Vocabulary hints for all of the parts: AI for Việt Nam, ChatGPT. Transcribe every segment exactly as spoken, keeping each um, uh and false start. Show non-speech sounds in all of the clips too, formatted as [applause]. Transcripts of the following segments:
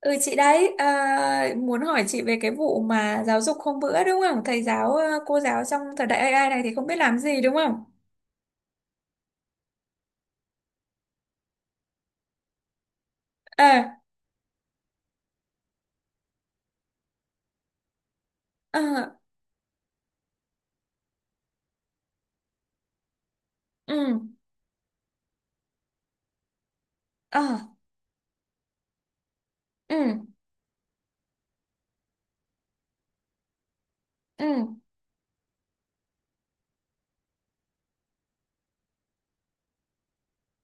Ừ chị đấy à, muốn hỏi chị về cái vụ mà giáo dục hôm bữa đúng không? Thầy giáo ờ, cô giáo trong thời đại a i này thì không biết làm gì đúng không? À, à, ừ, à, ừ, ừ,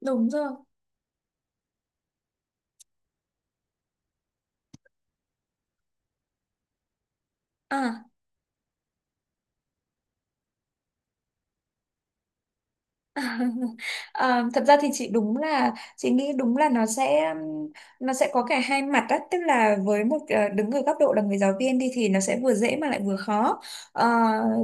đúng rồi. À, [laughs] Ờ, thật ra thì chị đúng là chị nghĩ đúng là nó sẽ um, nó sẽ có cả hai mặt á, tức là với một ờ, đứng ở góc độ là người giáo viên đi thì nó sẽ vừa dễ mà lại vừa khó. Ờ,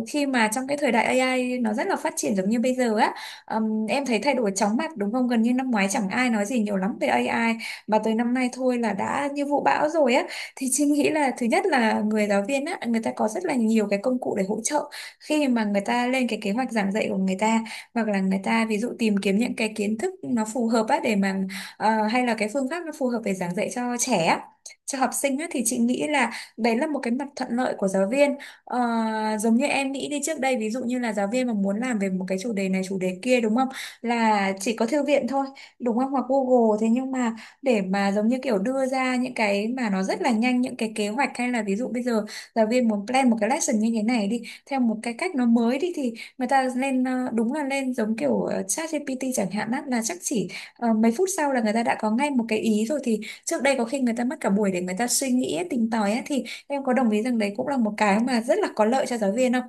Khi mà trong cái thời đại a i nó rất là phát triển giống như bây giờ á, ừm, em thấy thay đổi chóng mặt đúng không, gần như năm ngoái chẳng ai nói gì nhiều lắm về a i, mà tới năm nay thôi là đã như vụ bão rồi á, thì chị nghĩ là thứ nhất là người giáo viên á, người ta có rất là nhiều cái công cụ để hỗ trợ khi mà người ta lên cái kế hoạch giảng dạy của người ta, hoặc là người ta ví dụ tìm kiếm những cái kiến thức nó phù hợp á để mà ờ, hay là cái phương pháp nó phù hợp để giảng dạy cho trẻ á, cho học sinh á, thì chị nghĩ là đấy là một cái mặt thuận lợi của giáo viên. Ờ, Giống như em nghĩ đi, trước đây ví dụ như là giáo viên mà muốn làm về một cái chủ đề này chủ đề kia đúng không, là chỉ có thư viện thôi đúng không, hoặc Google, thế nhưng mà để mà giống như kiểu đưa ra những cái mà nó rất là nhanh, những cái kế hoạch hay là ví dụ bây giờ giáo viên muốn plan một cái lesson như thế này đi theo một cái cách nó mới đi thì người ta lên ờ, đúng là lên giống kiểu ờ, ChatGPT chẳng hạn á, là chắc chỉ ờ, mấy phút sau là người ta đã có ngay một cái ý rồi, thì trước đây có khi người ta mất cả buổi để người ta suy nghĩ ấy, tìm tòi ấy, thì em có đồng ý rằng đấy cũng là một cái mà rất là có lợi cho giáo viên không?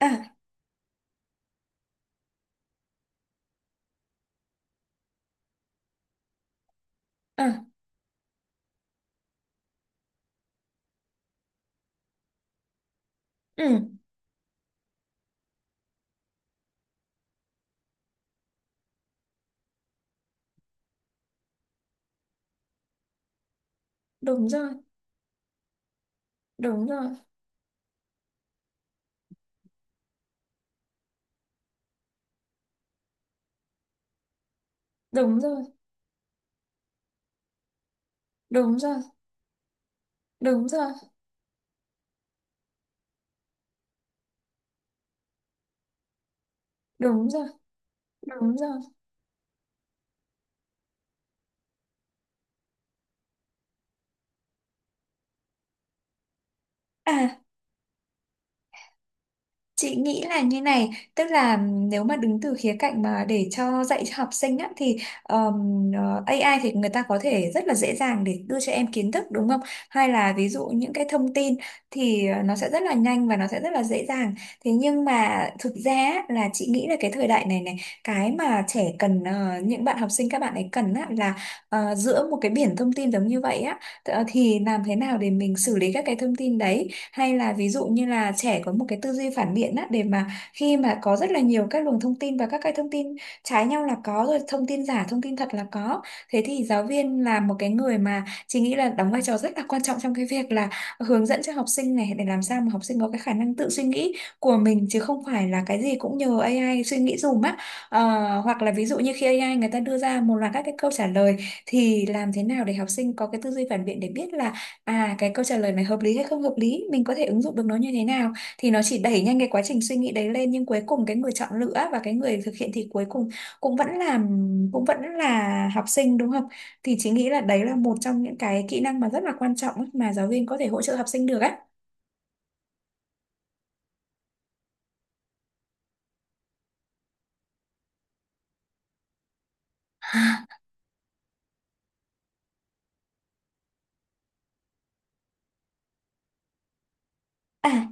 À, à, ừ, đúng rồi, đúng rồi, đúng rồi, đúng rồi, đúng rồi, đúng rồi, đúng rồi, đúng rồi. À, chị nghĩ là như này, tức là nếu mà đứng từ khía cạnh mà để cho dạy cho học sinh á, thì ờm, ờ, a i thì người ta có thể rất là dễ dàng để đưa cho em kiến thức đúng không? Hay là ví dụ những cái thông tin thì ờ, nó sẽ rất là nhanh và nó sẽ rất là dễ dàng. Thế nhưng mà thực ra á, là chị nghĩ là cái thời đại này này, cái mà trẻ cần ờ, những bạn học sinh, các bạn ấy cần á, là ờ, giữa một cái biển thông tin giống như vậy á, ờ, thì làm thế nào để mình xử lý các cái thông tin đấy, hay là ví dụ như là trẻ có một cái tư duy phản biện á để mà khi mà có rất là nhiều các luồng thông tin và các cái thông tin trái nhau là có, rồi thông tin giả thông tin thật là có, thế thì giáo viên là một cái người mà chị nghĩ là đóng vai trò rất là quan trọng trong cái việc là hướng dẫn cho học sinh này, để làm sao mà học sinh có cái khả năng tự suy nghĩ của mình chứ không phải là cái gì cũng nhờ a i suy nghĩ dùm á. Ờ, Hoặc là ví dụ như khi a i người ta đưa ra một loạt các cái câu trả lời thì làm thế nào để học sinh có cái tư duy phản biện để biết là à, cái câu trả lời này hợp lý hay không hợp lý, mình có thể ứng dụng được nó như thế nào, thì nó chỉ đẩy nhanh cái quá trình suy nghĩ đấy lên nhưng cuối cùng cái người chọn lựa và cái người thực hiện thì cuối cùng cũng vẫn là cũng vẫn là học sinh đúng không? Thì chị nghĩ là đấy là một trong những cái kỹ năng mà rất là quan trọng ấy mà giáo viên có thể hỗ trợ học sinh được á. À,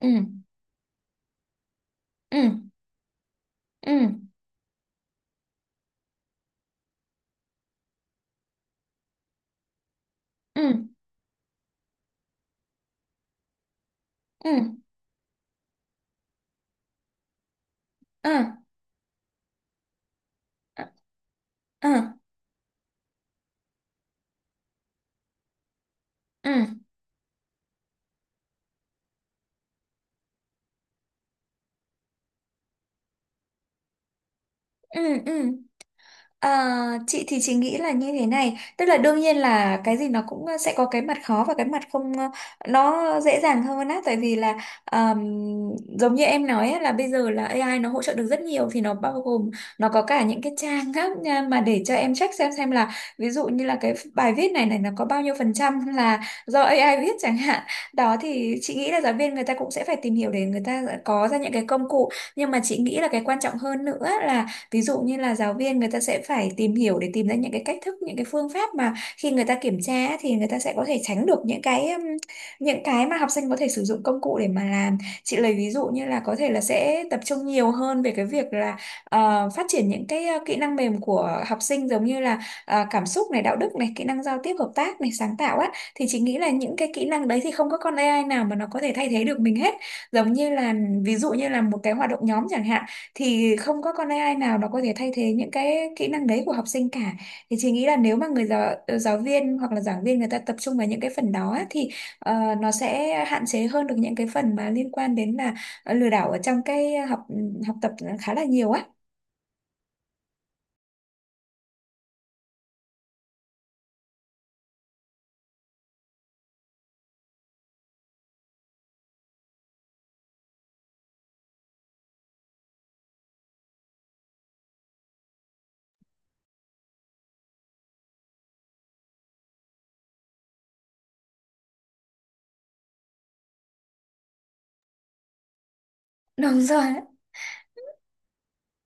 ừ, ừ, ừ, ừ, ừ, ừ, ừ, ừ, ừ, ừ. Ừ. À, chị thì chị nghĩ là như thế này, tức là đương nhiên là cái gì nó cũng ờ, sẽ có cái mặt khó và cái mặt không ờ, nó dễ dàng hơn á tại vì là ờm, giống như em nói á, là bây giờ là a i nó hỗ trợ được rất nhiều thì nó bao gồm nó có cả những cái trang á nha, mà để cho em check xem xem là ví dụ như là cái bài viết này này nó có bao nhiêu phần trăm là do a i viết chẳng hạn, đó thì chị nghĩ là giáo viên người ta cũng sẽ phải tìm hiểu để người ta có ra những cái công cụ, nhưng mà chị nghĩ là cái quan trọng hơn nữa, ví dụ như là giáo viên người ta sẽ phải tìm hiểu để tìm ra những cái cách thức, những cái phương pháp mà khi người ta kiểm tra á, thì người ta sẽ có thể tránh được những cái um, những cái mà học sinh có thể sử dụng công cụ để mà làm. Chị lấy ví dụ như là có thể là sẽ tập trung nhiều hơn về cái việc là ờ, phát triển những cái ờ, kỹ năng mềm của học sinh giống như là ờ, cảm xúc này, đạo đức này, kỹ năng giao tiếp hợp tác này, sáng tạo á, thì chị nghĩ là những cái kỹ năng đấy thì không có con a i nào mà nó có thể thay thế được mình hết, giống như là ví dụ như là một cái hoạt động nhóm chẳng hạn thì không có con a i nào nó có thể thay thế những cái kỹ năng đấy của học sinh cả, thì chị nghĩ là nếu mà người giáo ờ, giáo viên hoặc là giảng viên người ta tập trung vào những cái phần đó á, thì ờ, nó sẽ hạn chế hơn được những cái phần mà liên quan đến là ờ, lừa đảo ở trong cái học ừ, học tập khá là nhiều á. Đúng rồi,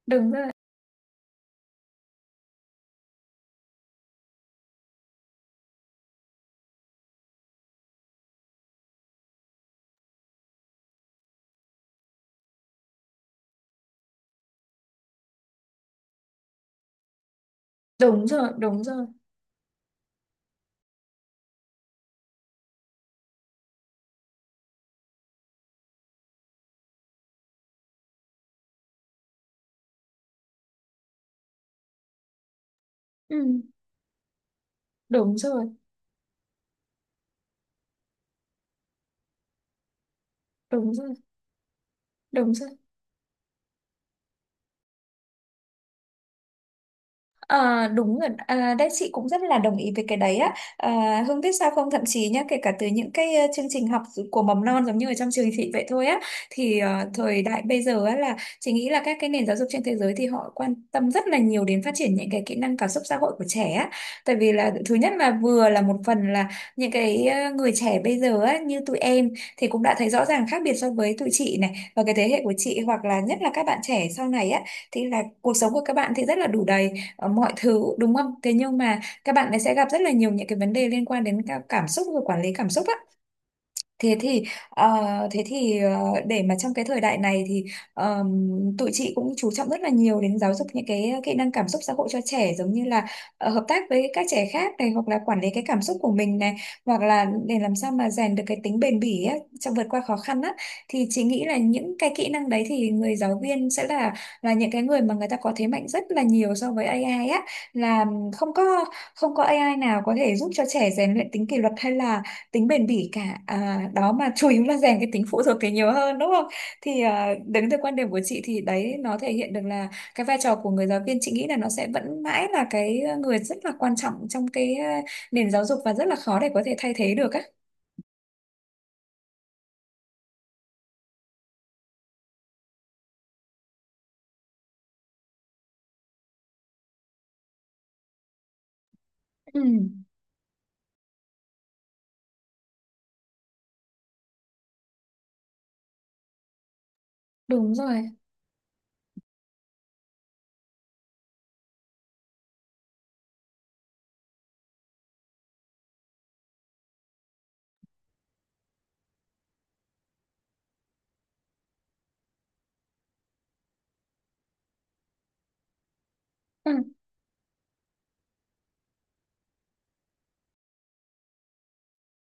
đúng rồi, đúng rồi, đúng rồi, ừ, đúng rồi, đúng rồi, đúng rồi. À, đúng rồi, à, đấy chị cũng rất là đồng ý với cái đấy á, à, Hương biết sao không, thậm chí nhá, kể cả từ những cái ờ, chương trình học của mầm non giống như ở trong trường thị vậy thôi á, thì ờ, thời đại bây giờ á là chị nghĩ là các cái nền giáo dục trên thế giới thì họ quan tâm rất là nhiều đến phát triển những cái kỹ năng cảm xúc xã hội của trẻ á, tại vì là thứ nhất là vừa là một phần là những cái ờ, người trẻ bây giờ á như tụi em thì cũng đã thấy rõ ràng khác biệt so với tụi chị này và cái thế hệ của chị, hoặc là nhất là các bạn trẻ sau này á thì là cuộc sống của các bạn thì rất là đủ đầy ờ, mọi thứ đúng không, thế nhưng mà các bạn ấy sẽ gặp rất là nhiều những cái vấn đề liên quan đến cả cảm xúc và quản lý cảm xúc á. Thế thì ờ, thế thì ờ, để mà trong cái thời đại này thì ờm, tụi chị cũng chú trọng rất là nhiều đến giáo dục những cái kỹ năng cảm xúc xã hội cho trẻ, giống như là ờ, hợp tác với các trẻ khác này hoặc là quản lý cái cảm xúc của mình này hoặc là để làm sao mà rèn được cái tính bền bỉ á, trong vượt qua khó khăn á, thì chị nghĩ là những cái kỹ năng đấy thì người giáo viên sẽ là là những cái người mà người ta có thế mạnh rất là nhiều so với a i á, là không có không có a i nào có thể giúp cho trẻ rèn luyện tính kỷ luật hay là tính bền bỉ cả, à, đó mà chủ yếu là rèn cái tính phụ thuộc thì nhiều hơn đúng không, thì à, đứng từ quan điểm của chị thì đấy nó thể hiện được là cái vai trò của người giáo viên, chị nghĩ là nó sẽ vẫn mãi là cái người rất là quan trọng trong cái à, nền giáo dục và rất là khó để có thể thay thế được á. Ừ, đúng rồi, ừ,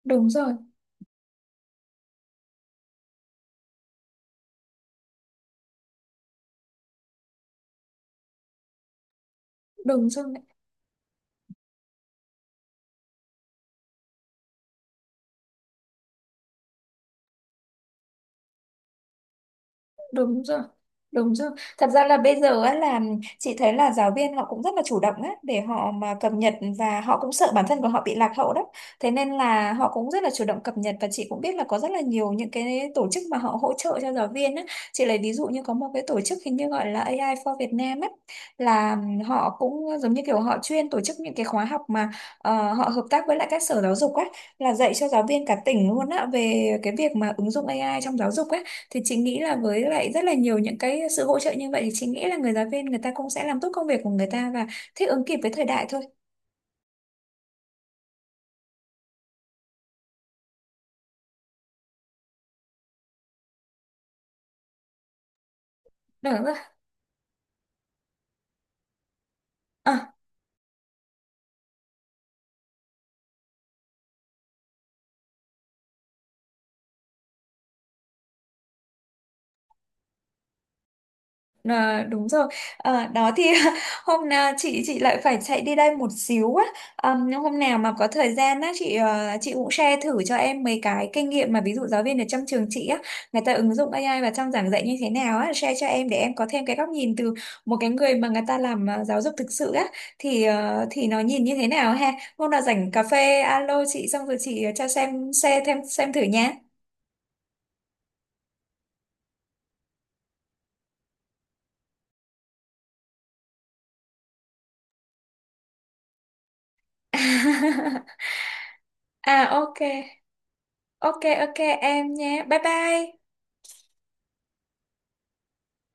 đúng rồi, đúng rồi. Đúng rồi, đúng rồi. Thật ra là bây giờ á, là chị thấy là giáo viên họ cũng rất là chủ động á, để họ mà cập nhật và họ cũng sợ bản thân của họ bị lạc hậu đó. Thế nên là họ cũng rất là chủ động cập nhật và chị cũng biết là có rất là nhiều những cái tổ chức mà họ hỗ trợ cho giáo viên á. Chị lấy ví dụ như có một cái tổ chức hình như gọi là a i for Việt Nam á, là họ cũng giống như kiểu họ chuyên tổ chức những cái khóa học mà ờ, họ hợp tác với lại các sở giáo dục á, là dạy cho giáo viên cả tỉnh luôn á về cái việc mà ứng dụng a i trong giáo dục á, thì chị nghĩ là với lại rất là nhiều những cái sự hỗ trợ như vậy thì chị nghĩ là người giáo viên người ta cũng sẽ làm tốt công việc của người ta và thích ứng kịp với thời đại thôi đúng không ạ. À, đúng rồi. Ờ, đó thì [laughs] hôm nào chị chị lại phải chạy đi đây một xíu á. Ờ, nhưng hôm nào mà có thời gian á, chị ờ, chị cũng share thử cho em mấy cái kinh nghiệm mà ví dụ giáo viên ở trong trường chị á, người ta ứng dụng a i vào trong giảng dạy như thế nào á, share cho em để em có thêm cái góc nhìn từ một cái người mà người ta làm ờ, giáo dục thực sự á, thì ờ, thì nó nhìn như thế nào ha, hôm nào rảnh cà phê alo chị xong rồi chị cho xem share thêm xem thử nha. [laughs] À, ok. Ok, ok, em nhé. Bye bye.